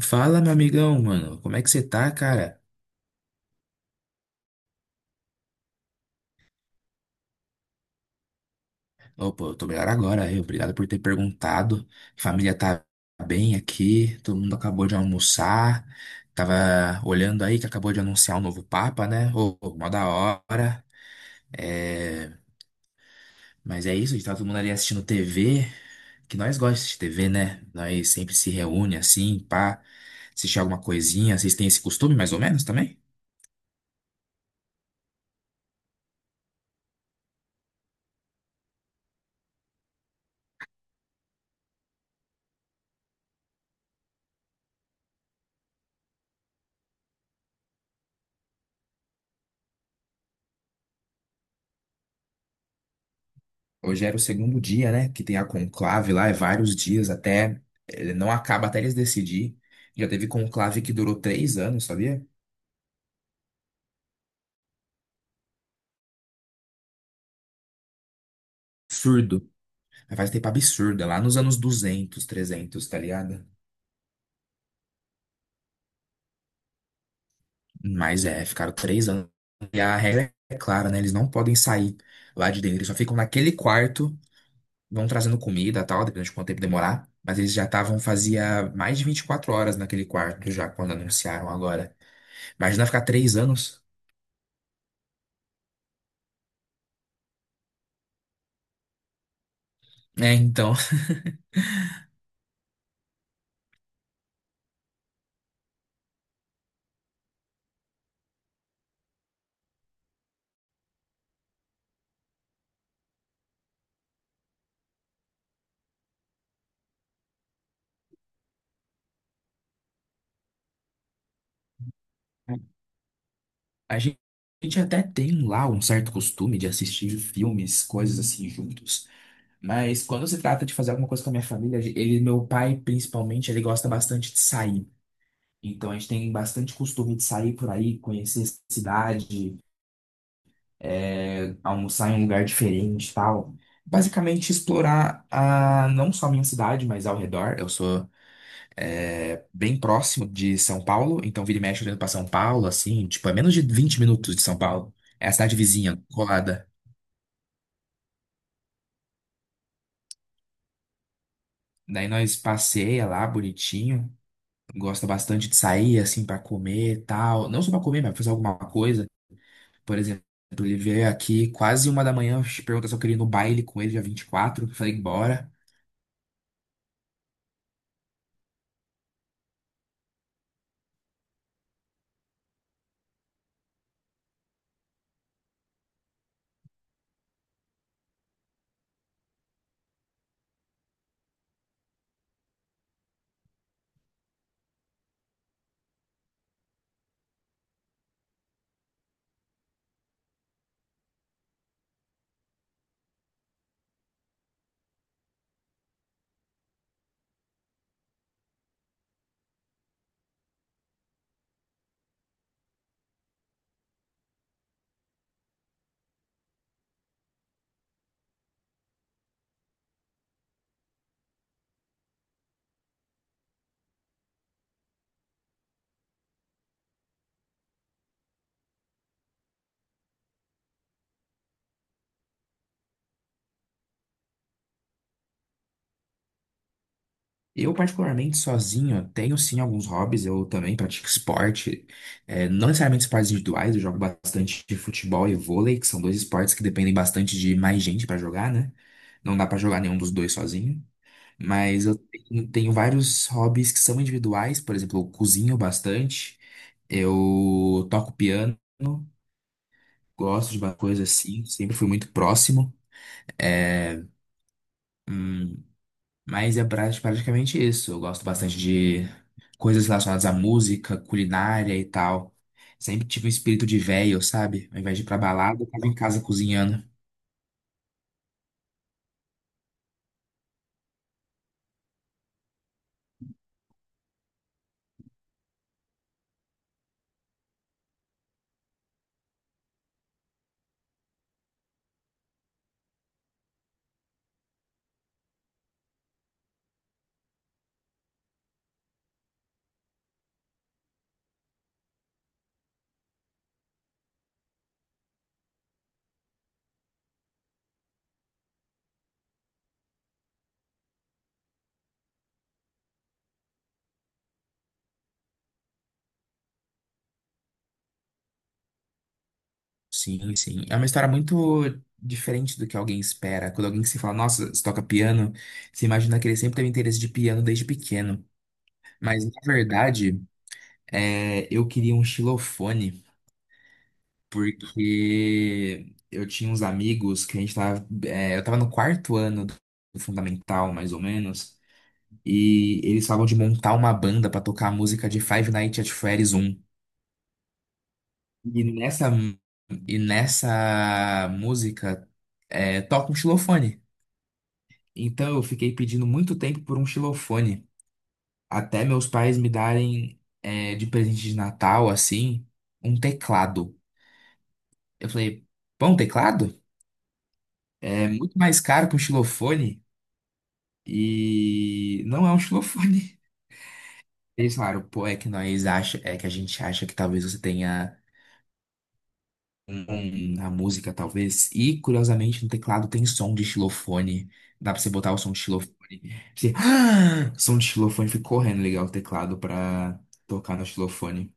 Fala, meu amigão, mano. Como é que você tá, cara? Ô, pô, eu tô melhor agora. Aí. Obrigado por ter perguntado. Família tá bem aqui. Todo mundo acabou de almoçar. Tava olhando aí que acabou de anunciar o novo Papa, né? Mó da hora. É... Mas é isso, a gente tá todo mundo ali assistindo TV. Que nós gostamos de TV, né? Nós sempre se reúne assim, pá. Assistir alguma coisinha. Vocês têm esse costume, mais ou menos, também? Hoje era o segundo dia, né? Que tem a conclave lá, é vários dias até. Ele não acaba até eles decidir. Já teve conclave que durou três anos, sabia? Absurdo. Mas faz tempo absurdo, é lá nos anos 200, 300, tá ligado? Mas é, ficaram três anos. E a regra é clara, né? Eles não podem sair lá de dentro. Eles só ficam naquele quarto, vão trazendo comida e tal, dependendo de quanto tempo demorar. Mas eles já estavam, fazia mais de 24 horas naquele quarto já, quando anunciaram agora. Imagina ficar três anos. É, então. A gen- a gente até tem lá um certo costume de assistir filmes, coisas assim juntos. Mas quando se trata de fazer alguma coisa com a minha família, ele, meu pai principalmente, ele gosta bastante de sair. Então a gente tem bastante costume de sair por aí, conhecer a cidade, almoçar em um lugar diferente, e tal. Basicamente explorar a, não só a minha cidade, mas ao redor. Eu sou bem próximo de São Paulo, então vira e mexe olhando pra São Paulo, assim, tipo, é menos de 20 minutos de São Paulo. É a cidade vizinha, colada. Daí nós passeia lá, bonitinho. Gosta bastante de sair, assim, pra comer e tal. Não só pra comer, mas pra fazer alguma coisa. Por exemplo, ele veio aqui quase uma da manhã, pergunta se eu queria ir no baile com ele, dia 24, falei, bora. Eu, particularmente, sozinho, tenho sim alguns hobbies. Eu também pratico esporte, não necessariamente esportes individuais. Eu jogo bastante de futebol e vôlei, que são dois esportes que dependem bastante de mais gente pra jogar, né? Não dá pra jogar nenhum dos dois sozinho. Mas eu tenho vários hobbies que são individuais. Por exemplo, eu cozinho bastante, eu toco piano, gosto de uma coisa assim, sempre fui muito próximo. É, hum, Praticamente isso. Eu gosto bastante de coisas relacionadas à música, culinária e tal. Sempre tive um espírito de véio, sabe? Ao invés de ir pra balada, eu tava em casa cozinhando. Sim, sim. É uma história muito diferente do que alguém espera. Quando alguém se fala, nossa, você toca piano, você imagina que ele sempre teve interesse de piano desde pequeno. Mas, na verdade, eu queria um xilofone. Porque eu tinha uns amigos que a gente tava. Eu tava no quarto ano do fundamental, mais ou menos. E eles falavam de montar uma banda pra tocar a música de Five Nights at Freddy's um E nessa, e nessa música toca um xilofone. Então eu fiquei pedindo muito tempo por um xilofone. Até meus pais me darem de presente de Natal, assim, um teclado. Eu falei, pão, teclado? É muito mais caro que um xilofone. E não é um xilofone. Eles falaram, pô, é que a gente acha que talvez você tenha um na música, talvez. E curiosamente no teclado tem som de xilofone. Dá pra você botar o som de xilofone. Você, ah, som de xilofone, fui correndo ligar o teclado pra tocar no xilofone.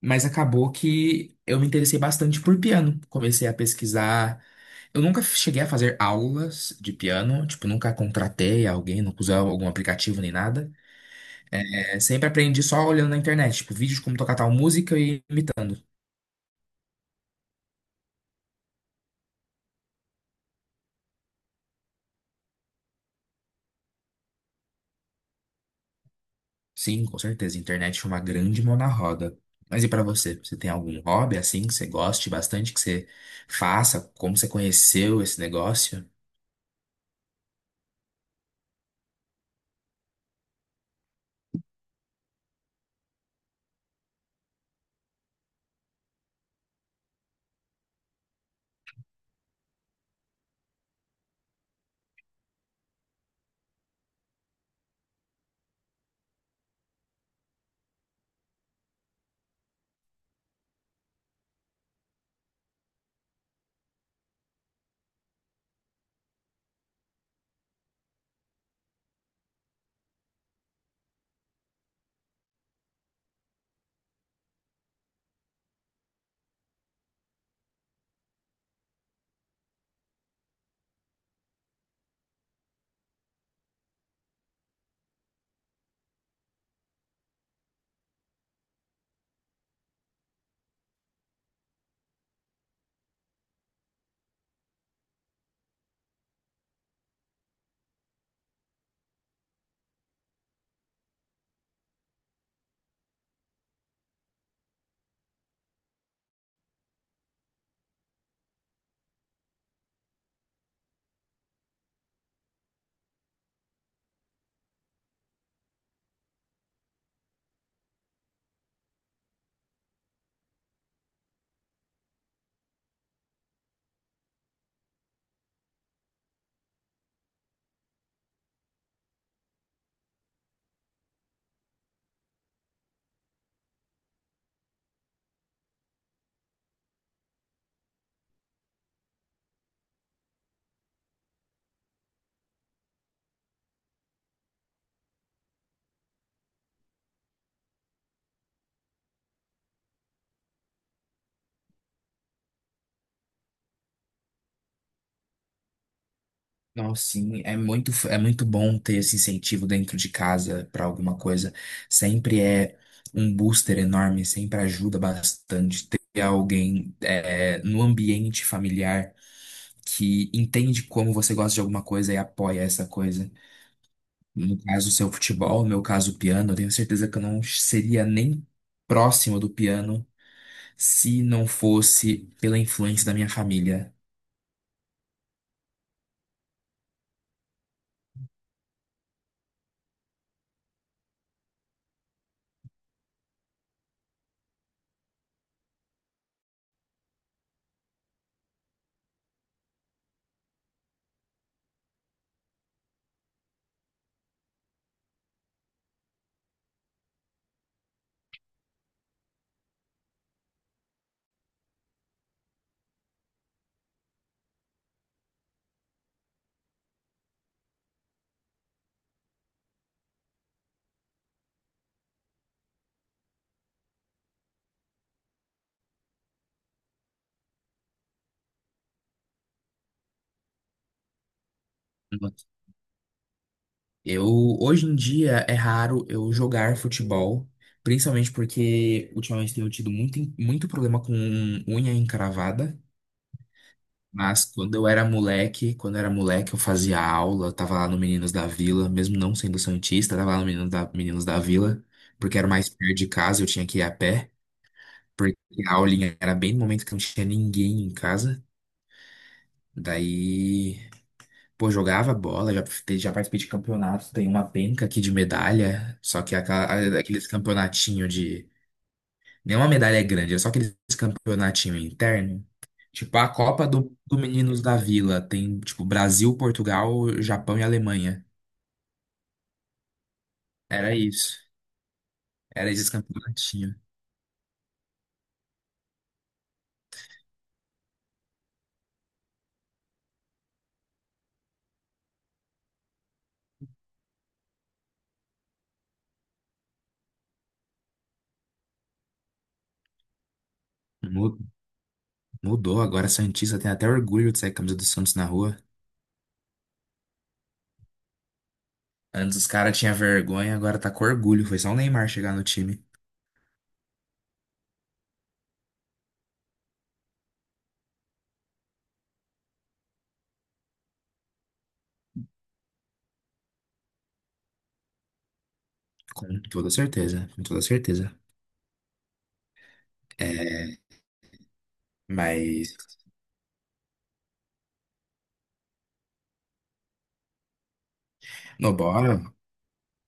Mas acabou que eu me interessei bastante por piano. Comecei a pesquisar. Eu nunca cheguei a fazer aulas de piano, tipo, nunca contratei alguém, nunca usei algum aplicativo nem nada. Sempre aprendi só olhando na internet, tipo, vídeos de como tocar tal música e imitando. Sim, com certeza, internet é uma grande mão na roda. Mas e pra você? Você tem algum hobby assim que você goste bastante, que você faça? Como você conheceu esse negócio? Não, sim, é muito bom ter esse incentivo dentro de casa para alguma coisa. Sempre é um booster enorme, sempre ajuda bastante ter alguém no ambiente familiar que entende como você gosta de alguma coisa e apoia essa coisa. No caso, o seu futebol, no meu caso, o piano, eu tenho certeza que eu não seria nem próximo do piano se não fosse pela influência da minha família. Eu, hoje em dia, é raro eu jogar futebol, principalmente porque ultimamente tenho tido muito, muito problema com unha encravada. Mas quando eu era moleque, eu fazia aula, eu tava lá no Meninos da Vila, mesmo não sendo santista, eu tava lá no Meninos da Vila, porque era mais perto de casa, eu tinha que ir a pé. Porque a aulinha era bem no momento que não tinha ninguém em casa. Daí, pô, jogava bola, já participei de campeonatos, tem uma penca aqui de medalha, só que aqueles campeonatinho de. Nenhuma medalha é grande, é só aqueles campeonatinho interno. Tipo, a Copa do Meninos da Vila tem, tipo, Brasil, Portugal, Japão e Alemanha. Era isso. Era esses campeonatinhos. Mu- Mudou agora, santista tem até orgulho de sair com a camisa do Santos na rua. Antes os caras tinham vergonha, agora tá com orgulho. Foi só o Neymar chegar no time. Com toda certeza, com toda certeza. É, mas no bola,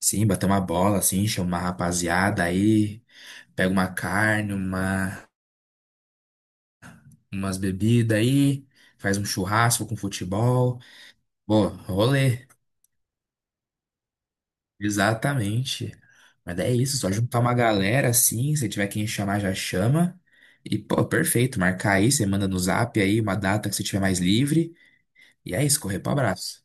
sim, bater uma bola, assim, chamar a rapaziada aí, pega uma carne, umas bebidas aí, faz um churrasco com futebol. Pô, rolê. Exatamente. Mas é isso, só juntar uma galera assim, se tiver quem chamar, já chama. E, pô, perfeito, marcar aí, você manda no zap aí uma data que você tiver mais livre. E é isso, correr pro abraço.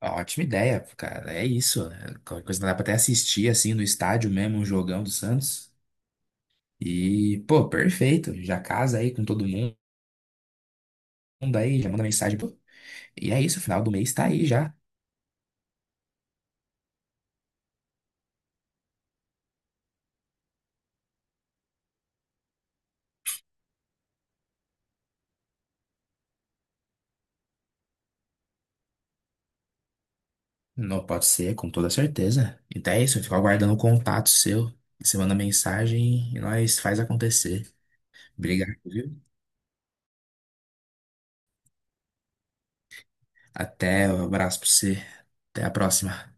Ótima ideia, cara. É isso. né? Qualquer coisa dá pra até assistir assim no estádio mesmo, um jogão do Santos. E, pô, perfeito. Já casa aí com todo mundo aí, já manda mensagem. Pô. E é isso, final do mês tá aí já. Não pode ser, com toda certeza. Então é isso, eu fico aguardando o contato seu. Você manda mensagem e nós faz acontecer. Obrigado, viu? Até, um abraço pra você. Até a próxima.